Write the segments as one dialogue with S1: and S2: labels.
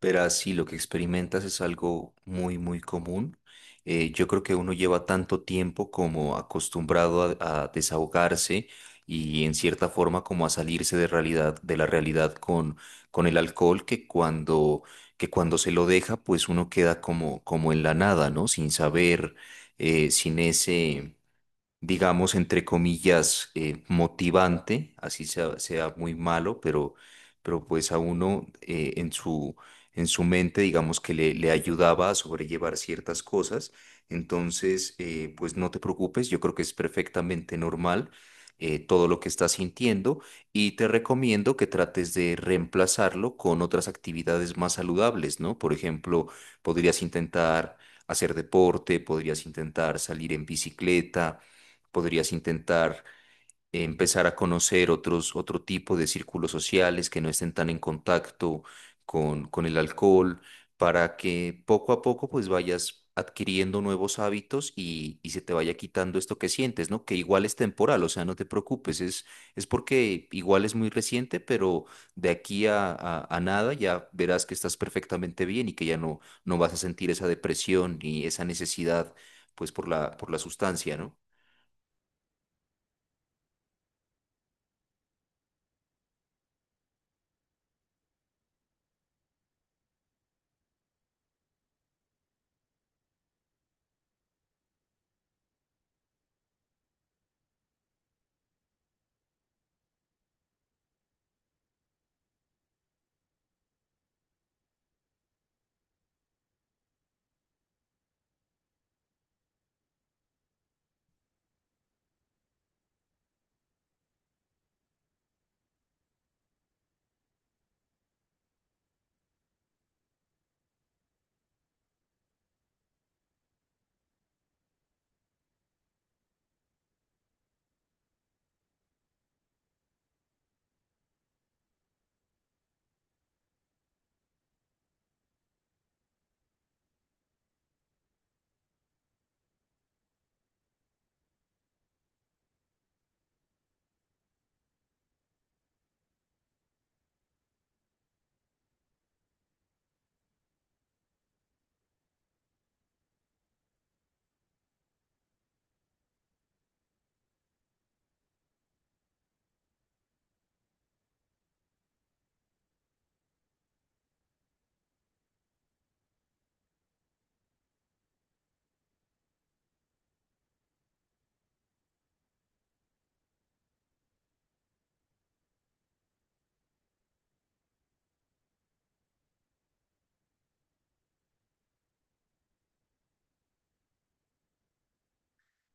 S1: Verás, sí, lo que experimentas es algo muy, muy común. Yo creo que uno lleva tanto tiempo como acostumbrado a desahogarse y en cierta forma como a salirse de realidad, de la realidad con el alcohol que cuando se lo deja, pues uno queda como en la nada, ¿no? Sin saber, sin ese digamos, entre comillas, motivante, así sea, sea muy malo, pero pues a uno en en su mente, digamos, que le ayudaba a sobrellevar ciertas cosas. Entonces, pues no te preocupes, yo creo que es perfectamente normal. Todo lo que estás sintiendo y te recomiendo que trates de reemplazarlo con otras actividades más saludables, ¿no? Por ejemplo, podrías intentar hacer deporte, podrías intentar salir en bicicleta, podrías intentar empezar a conocer otro tipo de círculos sociales que no estén tan en contacto con el alcohol, para que poco a poco pues vayas adquiriendo nuevos hábitos y se te vaya quitando esto que sientes, ¿no? Que igual es temporal, o sea, no te preocupes, es porque igual es muy reciente, pero de aquí a nada ya verás que estás perfectamente bien y que ya no vas a sentir esa depresión ni esa necesidad pues por por la sustancia, ¿no?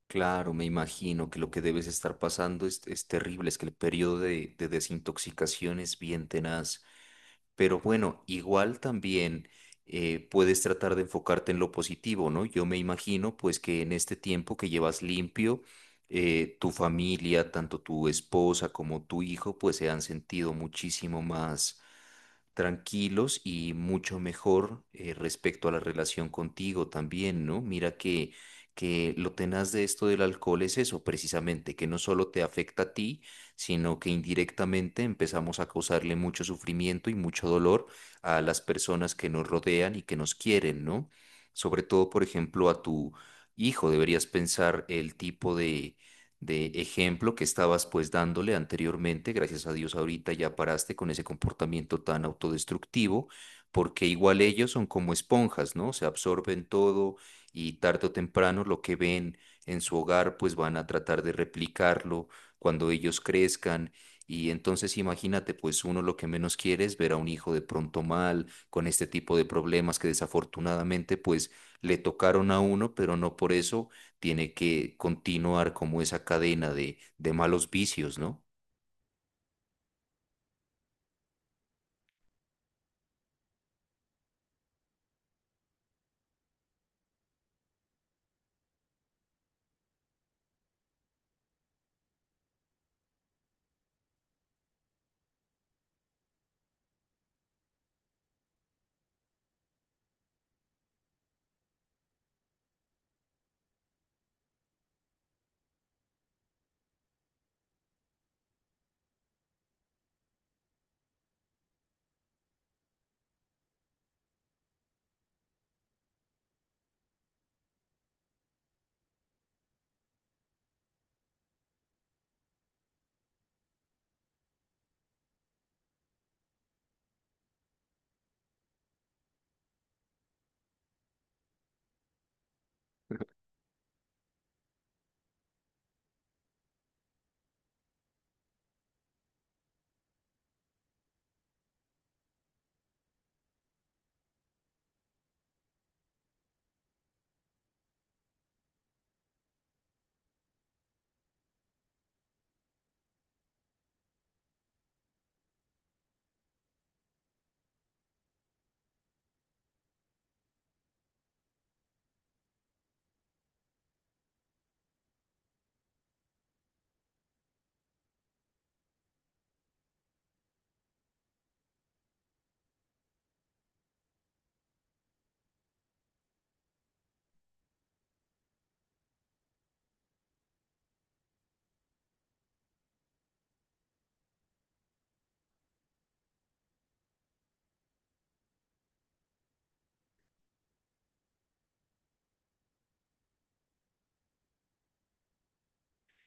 S1: Claro, me imagino que lo que debes estar pasando es terrible, es que el periodo de desintoxicación es bien tenaz, pero bueno, igual también puedes tratar de enfocarte en lo positivo, ¿no? Yo me imagino pues que en este tiempo que llevas limpio, tu familia, tanto tu esposa como tu hijo, pues se han sentido muchísimo más tranquilos y mucho mejor respecto a la relación contigo también, ¿no? Mira que lo tenaz de esto del alcohol es eso, precisamente, que no solo te afecta a ti, sino que indirectamente empezamos a causarle mucho sufrimiento y mucho dolor a las personas que nos rodean y que nos quieren, ¿no? Sobre todo, por ejemplo, a tu hijo, deberías pensar el tipo de ejemplo que estabas pues dándole anteriormente. Gracias a Dios ahorita ya paraste con ese comportamiento tan autodestructivo, porque igual ellos son como esponjas, ¿no? Se absorben todo y tarde o temprano lo que ven en su hogar pues van a tratar de replicarlo cuando ellos crezcan. Y entonces imagínate, pues uno lo que menos quiere es ver a un hijo de pronto mal, con este tipo de problemas que desafortunadamente pues le tocaron a uno, pero no por eso tiene que continuar como esa cadena de malos vicios, ¿no?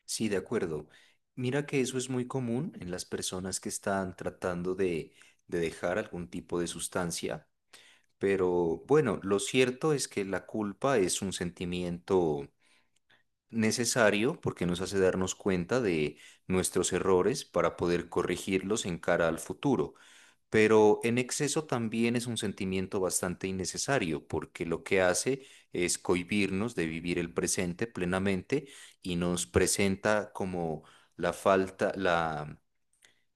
S1: Sí, de acuerdo. Mira que eso es muy común en las personas que están tratando de dejar algún tipo de sustancia, pero bueno, lo cierto es que la culpa es un sentimiento necesario porque nos hace darnos cuenta de nuestros errores para poder corregirlos en cara al futuro. Pero en exceso también es un sentimiento bastante innecesario, porque lo que hace es cohibirnos de vivir el presente plenamente y nos presenta como la falta, la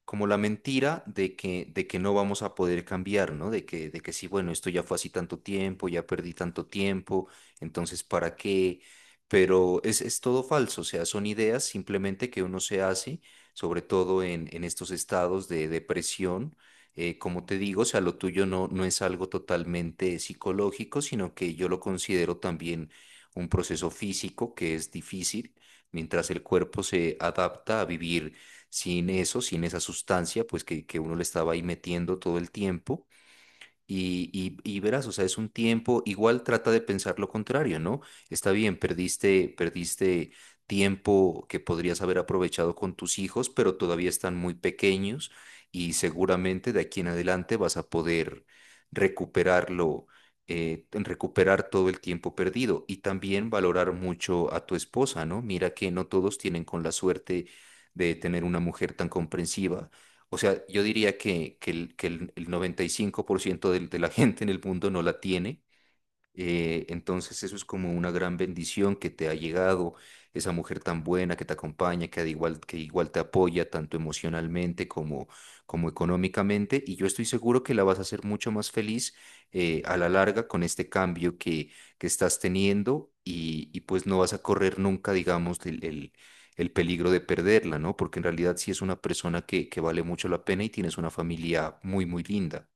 S1: como la mentira de de que no vamos a poder cambiar, ¿no? De de que sí, bueno, esto ya fue así tanto tiempo, ya perdí tanto tiempo, entonces, ¿para qué? Pero es todo falso, o sea, son ideas simplemente que uno se hace, sobre todo en estos estados de depresión. Como te digo, o sea, lo tuyo no es algo totalmente psicológico, sino que yo lo considero también un proceso físico que es difícil mientras el cuerpo se adapta a vivir sin eso, sin esa sustancia, pues que uno le estaba ahí metiendo todo el tiempo. Y verás, o sea, es un tiempo, igual trata de pensar lo contrario, ¿no? Está bien, perdiste, perdiste tiempo que podrías haber aprovechado con tus hijos, pero todavía están muy pequeños y seguramente de aquí en adelante vas a poder recuperarlo, en recuperar todo el tiempo perdido y también valorar mucho a tu esposa, ¿no? Mira que no todos tienen con la suerte de tener una mujer tan comprensiva, o sea, yo diría el 95% de la gente en el mundo no la tiene. Entonces eso es como una gran bendición que te ha llegado, esa mujer tan buena que te acompaña, que, al igual, que igual te apoya tanto emocionalmente como, como económicamente. Y yo estoy seguro que la vas a hacer mucho más feliz a la larga con este cambio que estás teniendo y pues no vas a correr nunca, digamos, el peligro de perderla, ¿no? Porque en realidad sí es una persona que vale mucho la pena y tienes una familia muy, muy linda.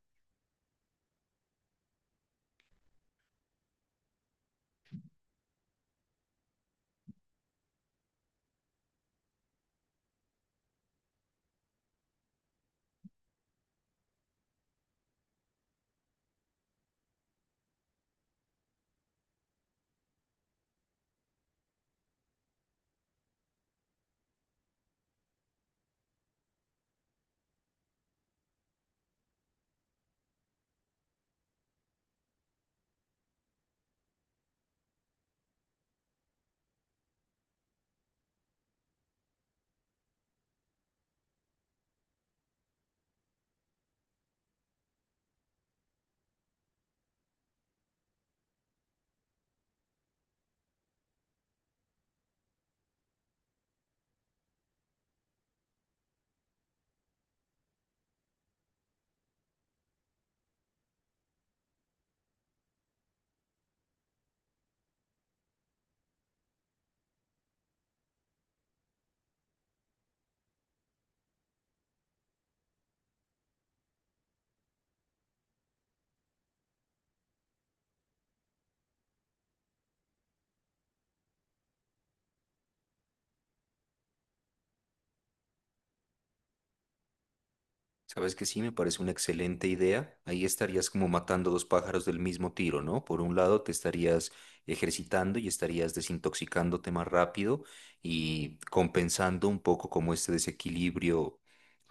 S1: Sabes que sí, me parece una excelente idea. Ahí estarías como matando dos pájaros del mismo tiro, ¿no? Por un lado, te estarías ejercitando y estarías desintoxicándote más rápido y compensando un poco como este desequilibrio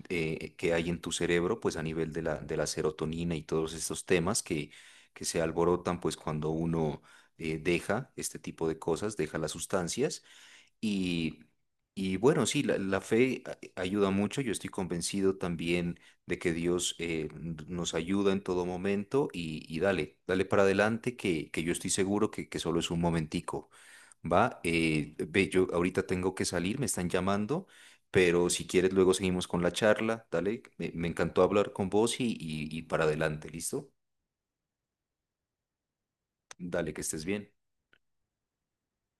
S1: que hay en tu cerebro, pues a nivel de de la serotonina y todos estos temas que se alborotan, pues cuando uno deja este tipo de cosas, deja las sustancias. Y, y bueno, sí, la fe ayuda mucho. Yo estoy convencido también de que Dios nos ayuda en todo momento y dale, dale para adelante que yo estoy seguro que solo es un momentico. Va, ve, yo ahorita tengo que salir, me están llamando, pero si quieres luego seguimos con la charla, dale, me encantó hablar con vos y para adelante, ¿listo? Dale, que estés bien.